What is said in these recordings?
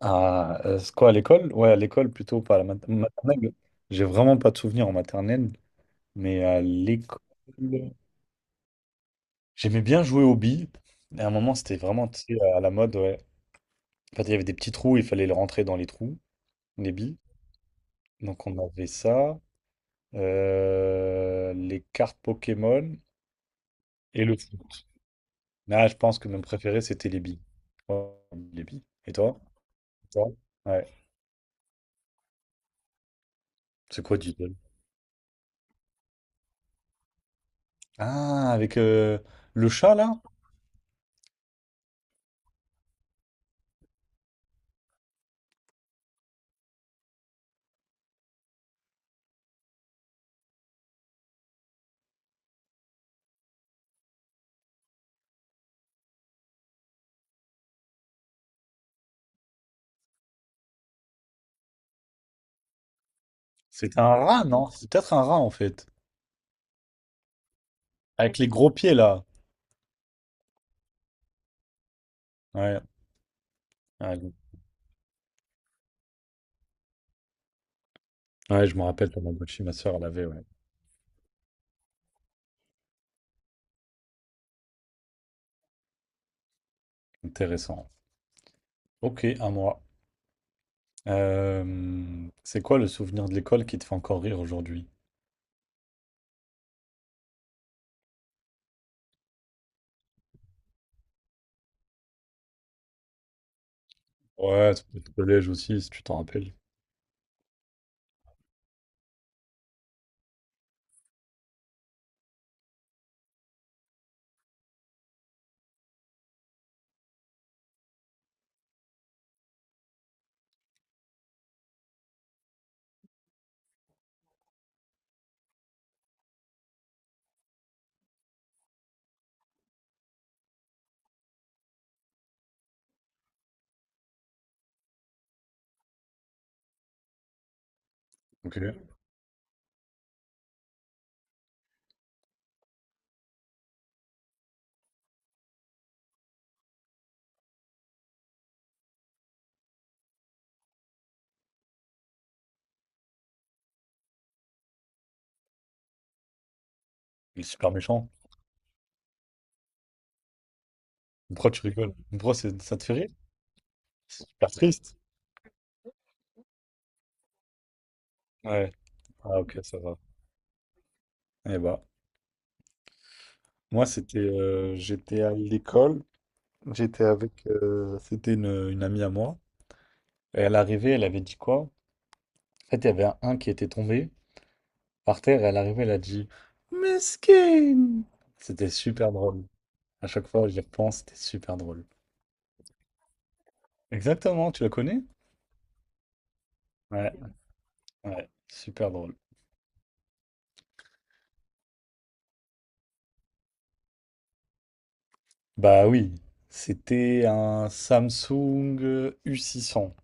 Ah, c'est quoi, à l'école? Ouais, à l'école plutôt, pas à la maternelle. J'ai vraiment pas de souvenirs en maternelle, mais à l'école. J'aimais bien jouer aux billes. Et à un moment, c'était vraiment, tu sais, à la mode, ouais. En fait, il y avait des petits trous, il fallait les rentrer dans les trous, les billes. Donc, on avait ça, les cartes Pokémon et le foot. Ah, je pense que mon préféré, c'était les billes. Ouais, les billes. Et toi? Toi. Ouais. C'est quoi Diddle? Ah, avec le chat, là? C'est un rat, non? C'est peut-être un rat, en fait. Avec les gros pieds, là. Ouais. Ah. Ouais, je me rappelle Tamagotchi, ma soeur l'avait, ouais. Intéressant. Ok, à moi. C'est quoi le souvenir de l'école qui te fait encore rire aujourd'hui? Ouais, ça peut être le collège aussi, si tu t'en rappelles. Ok. Il est super méchant. Pourquoi tu rigoles? Pourquoi ça te fait rire? C'est super triste. Ouais. Ah, ok, ça va. Eh bah, moi, c'était, j'étais à l'école. J'étais avec, c'était une amie à moi. Et elle arrivait, elle avait dit quoi? En fait, il y avait un qui était tombé. Par terre, elle arrivait, elle a dit: Mesquine! C'était super drôle. À chaque fois que j'y repense, c'était super drôle. Exactement, tu la connais? Ouais, ouais, super drôle. Bah oui, c'était un Samsung U600.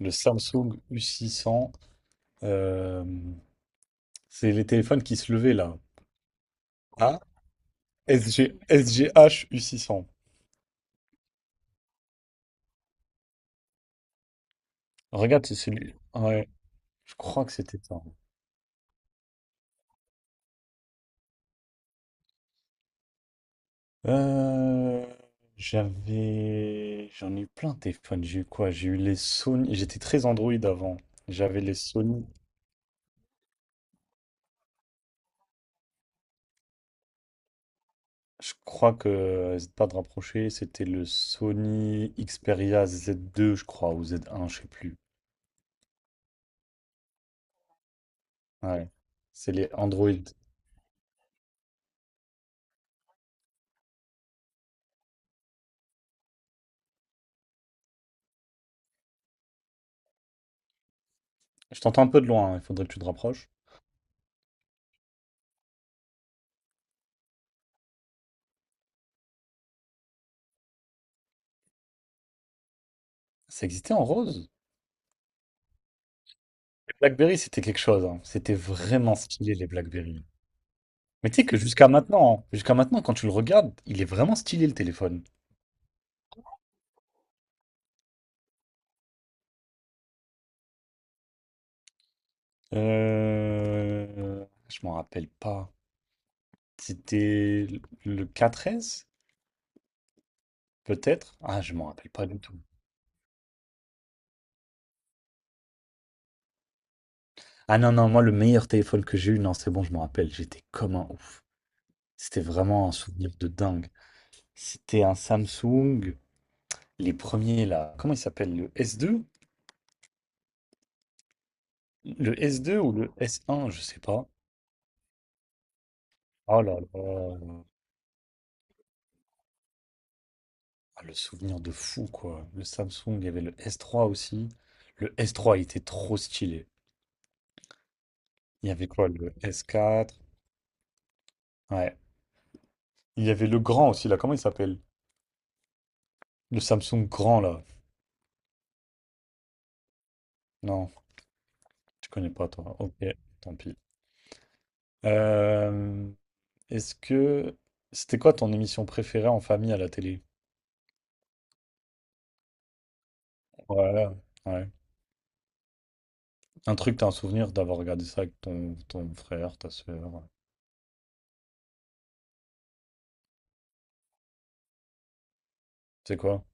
Le Samsung U600, euh, c'est les téléphones qui se levaient là. Ah, SGSGH U600. Regarde, c'est celui. Ouais, je crois que c'était ça. Euh, j'en ai eu plein de téléphones. J'ai eu quoi? J'ai eu les Sony. J'étais très Android avant. J'avais les Sony. Je crois que, n'hésite pas de rapprocher, c'était le Sony Xperia Z2, je crois, ou Z1, je sais plus. Ouais. C'est les Android. Je t'entends un peu de loin, hein. Il faudrait que tu te rapproches. Ça existait en rose. Les BlackBerry, c'était quelque chose, hein. C'était vraiment stylé, les BlackBerry. Mais tu sais que jusqu'à maintenant, hein, jusqu'à maintenant, quand tu le regardes, il est vraiment stylé, le téléphone. Je m'en rappelle pas. C'était le 4S, peut-être? Ah, je m'en rappelle pas du tout. Ah non, non, moi, le meilleur téléphone que j'ai eu, non, c'est bon, je m'en rappelle, j'étais comme un ouf. C'était vraiment un souvenir de dingue. C'était un Samsung, les premiers là. Comment il s'appelle? Le S2? Le S2 ou le S1, je sais pas. Oh là là, ah, le souvenir de fou, quoi. Le Samsung, il y avait le S3 aussi. Le S3, il était trop stylé. Il y avait quoi? Le S4? Ouais. Il y avait le grand aussi, là. Comment il s'appelle? Le Samsung grand, là. Non, tu connais pas, toi. Ok, tant pis. Euh, Est-ce que... C'était quoi ton émission préférée en famille à la télé? Voilà. Ouais. Un truc, t'as un souvenir d'avoir regardé ça avec ton frère, ta soeur, ouais. C'est quoi?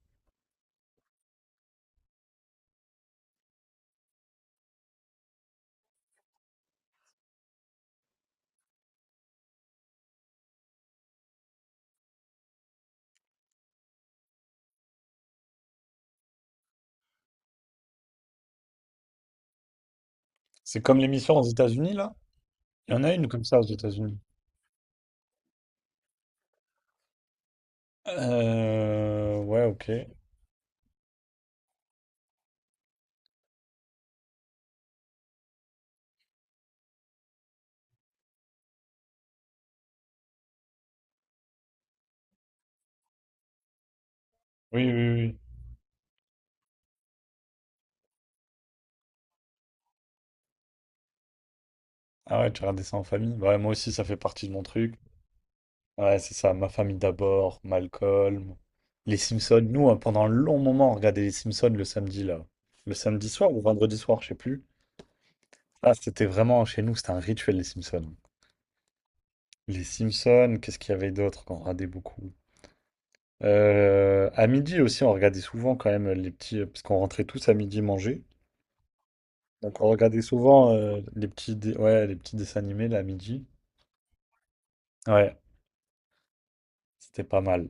C'est comme l'émission aux États-Unis, là? Il y en a une comme ça aux États-Unis. Ouais, ok. Oui, oui, oui. Ah ouais, tu regardais ça en famille? Ouais, moi aussi, ça fait partie de mon truc. Ouais, c'est ça, Ma famille d'abord, Malcolm, Les Simpsons. Nous, hein, pendant un long moment, on regardait Les Simpsons le samedi, là. Le samedi soir ou vendredi soir, je sais plus. Ah, c'était vraiment, chez nous, c'était un rituel, Les Simpsons. Les Simpsons, qu'est-ce qu'il y avait d'autre qu'on regardait beaucoup? À midi aussi, on regardait souvent quand même les petits, parce qu'on rentrait tous à midi manger. Donc on regardait souvent les petits, ouais, les petits dessins animés, là, à midi. Ouais, c'était pas mal.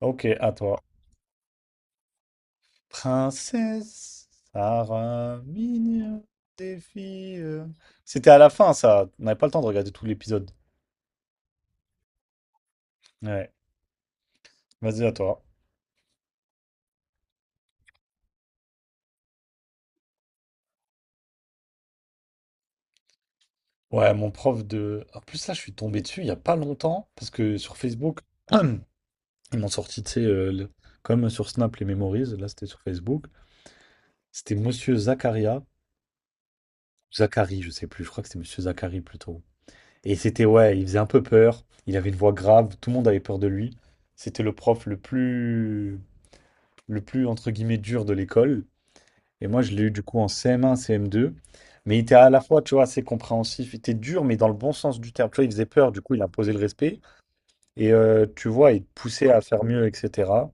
Ok, à toi. Princesse Sarah, mignonne des filles. C'était à la fin, ça. On n'avait pas le temps de regarder tout l'épisode. Ouais, vas-y, à toi. Ouais, mon prof de. En plus, là, je suis tombé dessus il n'y a pas longtemps, parce que sur Facebook, ils m'ont sorti, tu sais, comme sur Snap, les Memories. Là, c'était sur Facebook. C'était Monsieur Zakaria. Zachary, je sais plus, je crois que c'était Monsieur Zachary plutôt. Et c'était, ouais, il faisait un peu peur. Il avait une voix grave, tout le monde avait peur de lui. C'était le prof le plus entre guillemets dur de l'école. Et moi, je l'ai eu du coup en CM1, CM2. Mais il était à la fois, tu vois, assez compréhensif. Il était dur, mais dans le bon sens du terme. Tu vois, il faisait peur, du coup, il imposait le respect. Et tu vois, il te poussait à faire mieux, etc.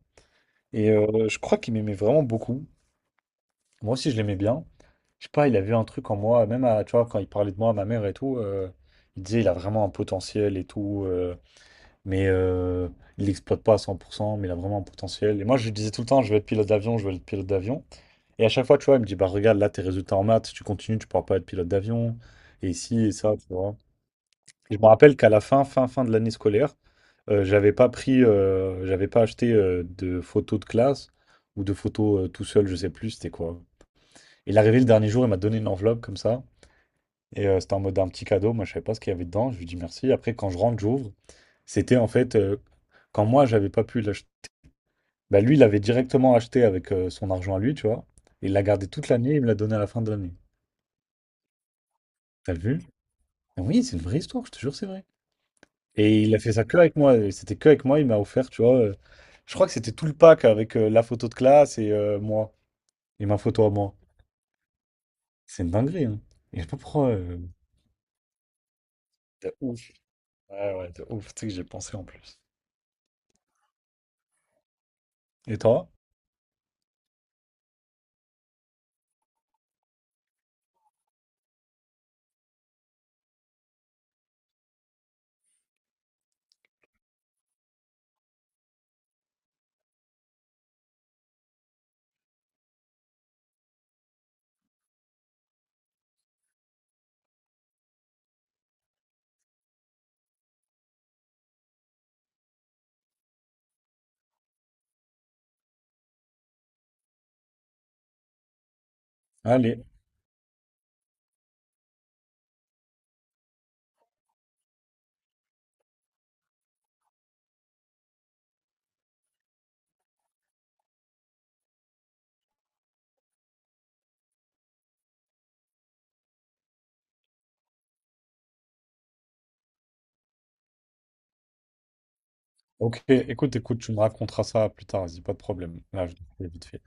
Et je crois qu'il m'aimait vraiment beaucoup. Moi aussi, je l'aimais bien. Je sais pas, il avait un truc en moi, même à, tu vois, quand il parlait de moi à ma mère et tout, il disait il a vraiment un potentiel et tout, mais il l'exploite pas à 100% mais il a vraiment un potentiel. Et moi, je lui disais tout le temps, je veux être pilote d'avion, je veux être pilote d'avion. Et à chaque fois, tu vois, il me dit, bah regarde, là, tes résultats en maths, si tu continues, tu pourras pas être pilote d'avion. Et ici, et ça, tu vois. Et je me rappelle qu'à la fin de l'année scolaire, j'avais pas pris, j'avais pas acheté de photos de classe ou de photos tout seul, je sais plus, c'était quoi. Il est arrivé le dernier jour, il m'a donné une enveloppe comme ça. Et c'était en mode un petit cadeau, moi je savais pas ce qu'il y avait dedans, je lui dis merci. Après, quand je rentre, j'ouvre. C'était en fait, quand moi j'avais pas pu l'acheter, bah, lui il l'avait directement acheté avec son argent à lui, tu vois. Il l'a gardé toute l'année, il me l'a donné à la fin de l'année. T'as vu? Ah oui, c'est une vraie histoire, je te jure, c'est vrai. Et il a fait ça que avec moi. Et c'était que avec moi. Il m'a offert, tu vois, je crois que c'était tout le pack avec la photo de classe et moi. Et ma photo à moi. C'est une dinguerie, hein. Et je sais pas pourquoi, de ouf. Ouais, ouais, de ouf. Tu sais que j'ai pensé en plus. Et toi? Allez. Ok, écoute, écoute, tu me raconteras ça plus tard. Vas-y, pas de problème. Là, je vais vite fait.